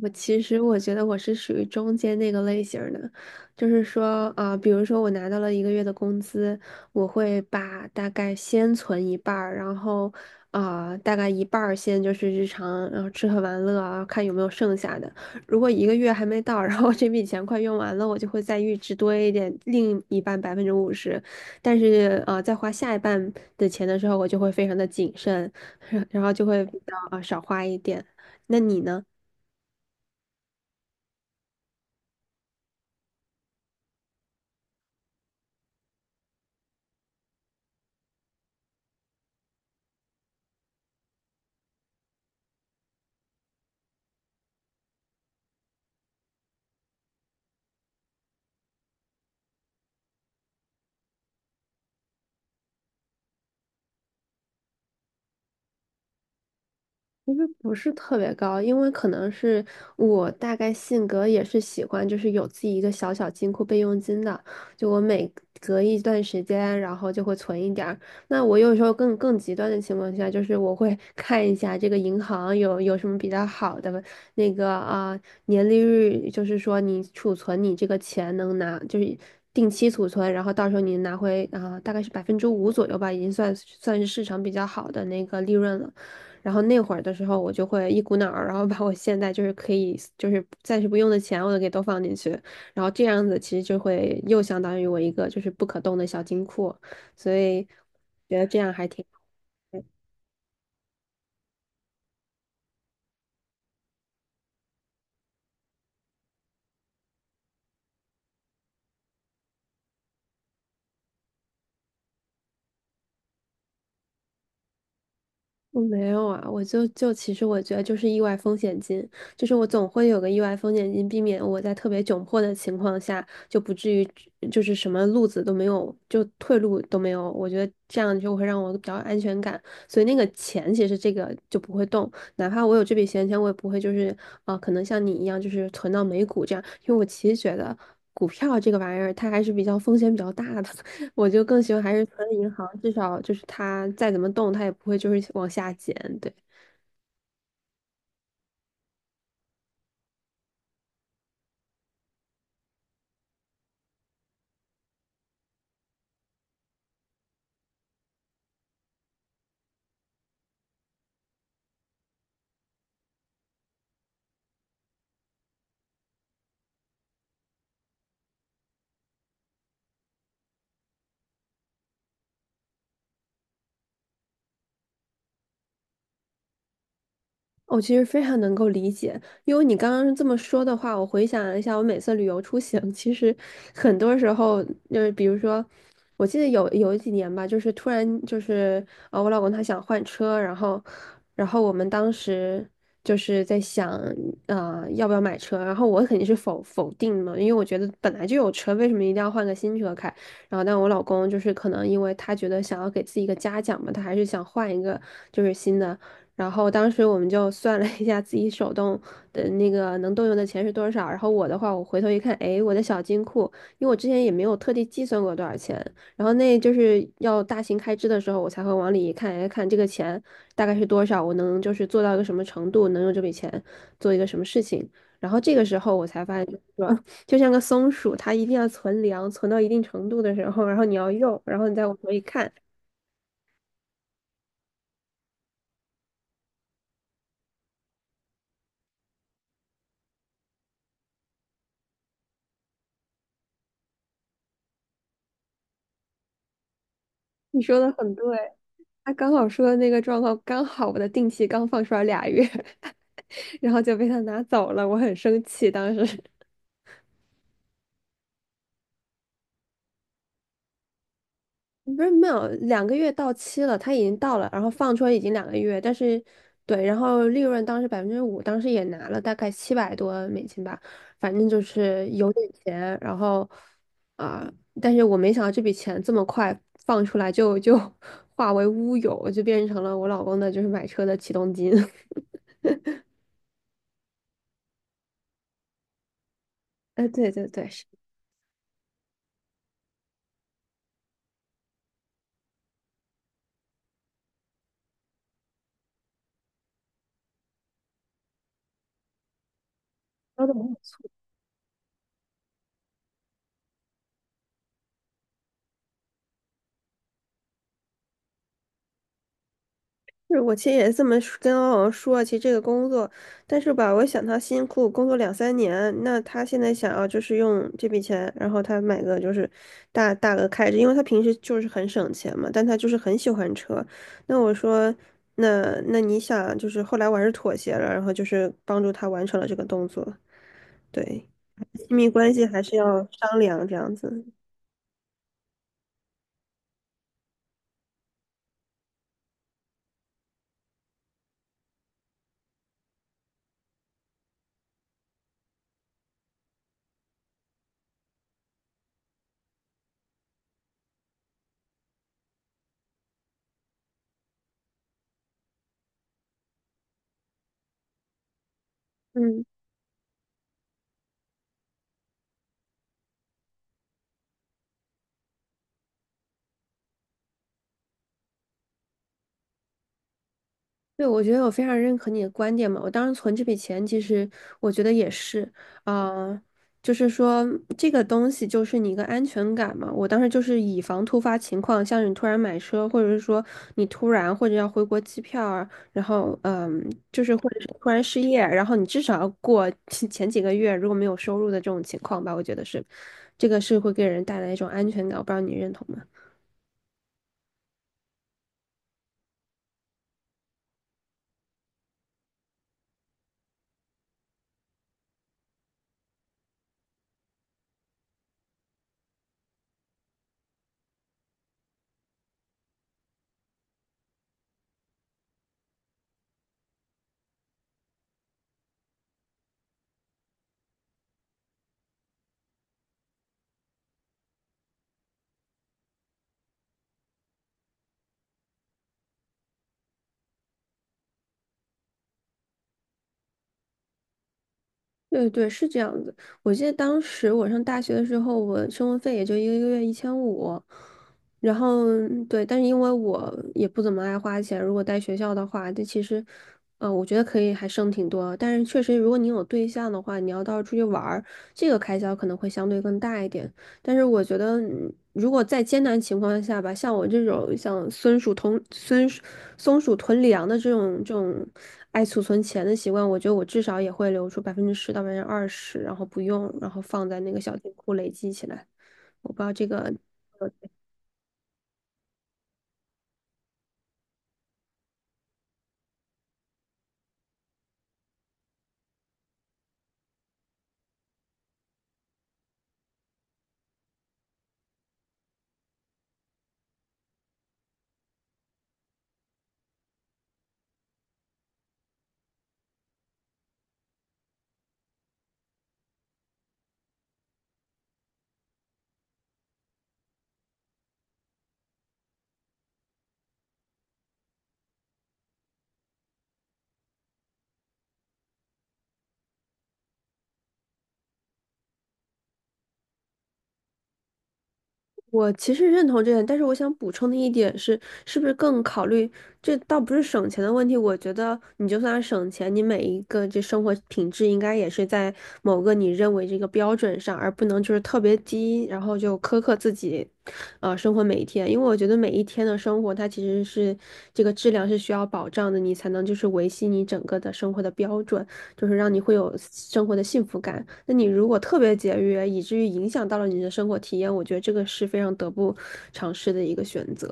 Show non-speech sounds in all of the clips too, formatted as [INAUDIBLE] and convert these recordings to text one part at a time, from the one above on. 我其实我觉得我是属于中间那个类型儿的，就是说，比如说我拿到了一个月的工资，我会把大概先存一半儿，然后，大概一半儿先就是日常，然后吃喝玩乐啊，看有没有剩下的。如果一个月还没到，[LAUGHS] 然后这笔钱快用完了，我就会再预支多一点，另一半50%。但是，在花下一半的钱的时候，我就会非常的谨慎，[LAUGHS] 然后就会比较啊少花一点。那你呢？不是特别高，因为可能是我大概性格也是喜欢，就是有自己一个小小金库备用金的，就我每隔一段时间，然后就会存一点儿。那我有时候更极端的情况下，就是我会 [LAUGHS] 看一下这个银行有什么比较好的那个年利率，就是说你储存你这个钱能拿就是。定期储存，然后到时候你拿回大概是百分之五左右吧，已经算是市场比较好的那个利润了。然后那会儿的时候，我就会一股脑儿，然后把我现在就是可以就是暂时不用的钱，我都给都放进去，然后这样子其实就会又相当于我一个就是不可动的小金库，所以觉得这样还挺好。我没有啊，我就其实我觉得就是意外风险金，就是我总会有个意外风险金，避免我在特别窘迫的情况下就不至于就是什么路子都没有，就退路都没有。我觉得这样就会让我比较有安全感，所以那个钱其实这个就不会动，哪怕我有这笔闲钱，我也不会就是啊，可能像你一样就是存到美股这样，因为我其实觉得股票这个玩意儿它还是比较风险比较大的，我就更喜欢还是存银行，至少就是它再怎么动，它也不会就是往下减。对。我其实非常能够理解，因为你刚刚这么说的话，我回想了一下，我每次旅游出行，[LAUGHS] 其实很多时候就是比如说，我记得有几年吧，就是突然就是我老公他想换车，然后我们当时就是在想要不要买车，然后我肯定是否定嘛，因为我觉得本来就有车，为什么一定要换个新车开？然后，但我老公就是可能因为他觉得想要给自己一个嘉奖嘛，他还是想换一个就是新的。然后当时我们就算了一下自己手动的那个能动用的钱是多少。然后我的话，我回头一看，哎，我的小金库，因为我之前也没有特地计算过多少钱。然后那就是要大型开支的时候，我才会往里一看，哎，看这个钱大概是多少，我能就是做到一个什么程度，能用这笔钱做一个什么事情。然后这个时候我才发现，就是说 [LAUGHS] 就像个松鼠，它一定要存粮，存到一定程度的时候，然后你要用，然后你再往回看。你说的很对。他刚好说的那个状况，刚好我的定期刚放出来俩月，[LAUGHS] 然后就被他拿走了，我很生气。当时 [LAUGHS] 不是没有2个月到期了，他已经到了，然后放出来已经两个月，但是对，然后利润当时百分之五，当时也拿了大概700多美金吧，反正就是有点钱，然后啊、但是我没想到这笔钱这么快放出来就 [LAUGHS] 化为乌有，就变成了我老公的就是买车的启动金。[LAUGHS] 哎，对对对，是说的没有错。是我其实也这么说跟欧阳说啊，其实这个工作，但是吧，我想他辛苦工作两三年，那他现在想要就是用这笔钱，然后他买个就是大额开支，因为他平时就是很省钱嘛，但他就是很喜欢车。那我说，那你想，就是后来我还是妥协了，然后就是帮助他完成了这个动作。对，亲密关系还是要商量这样子。嗯。对，我觉得我非常认可你的观点嘛。我当时存这笔钱，其实我觉得也是，啊、就是说这个东西就是你一个安全感嘛。我当时就是以防突发情况，像你突然买车，或者是说你突然或者要回国机票啊，然后就是或者是突然失业，然后你至少要过 [LAUGHS] 前几个月如果没有收入的这种情况吧，我觉得是，这个是会给人带来一种安全感。我不知道你认同吗？对对，是这样子。我记得当时我上大学的时候，我生活费也就一个月1500，然后对，但是因为我也不怎么爱花钱，如果在学校的话，这其实，我觉得可以还剩挺多。但是确实，如果你有对象的话，你要到时候出去玩儿，这个开销可能会相对更大一点。但是我觉得，如果在艰难情况下吧，像我这种像孙鼠同孙松鼠囤粮的这种爱储存钱的习惯，我觉得我至少也会留出10%到20%，然后不用，然后放在那个小金库累积起来。我不知道这个。我其实认同这点，但是我想补充的一点是，是不是更考虑这倒不是省钱的问题？我觉得你就算省钱，你每一个这生活品质应该也是在某个你认为这个标准上，而不能就是特别低，然后就苛刻自己，生活每一天。因为我觉得每一天的生活，它其实是这个质量是需要保障的，你才能就是维系你整个的生活的标准。就是让你会有生活的幸福感。那你如果特别节约，以至于影响到了你的生活体验，我觉得这个是非常得不偿失的一个选择。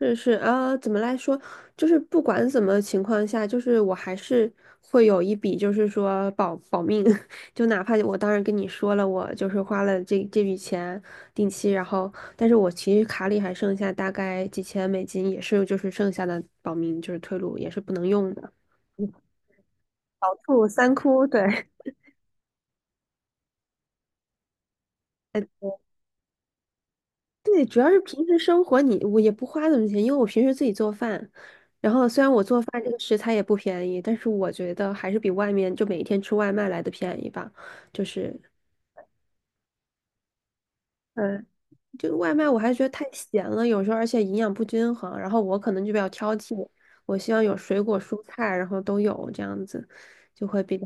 就是啊，怎么来说，就是不管怎么情况下，就是我还是会有一笔，就是说保命，[LAUGHS] 就哪怕我当然跟你说了，我就是花了这笔钱定期，然后但是我其实卡里还剩下大概几千美金，也是就是剩下的保命就是退路，也是不能用的。一哭三哭，对。[LAUGHS] 对，主要是平时生活你我也不花怎么钱，因为我平时自己做饭，然后虽然我做饭这个食材也不便宜，但是我觉得还是比外面就每天吃外卖来的便宜吧。就是，嗯，就外卖我还觉得太咸了，有时候而且营养不均衡，然后我可能就比较挑剔，我希望有水果蔬菜，然后都有这样子，就会比较。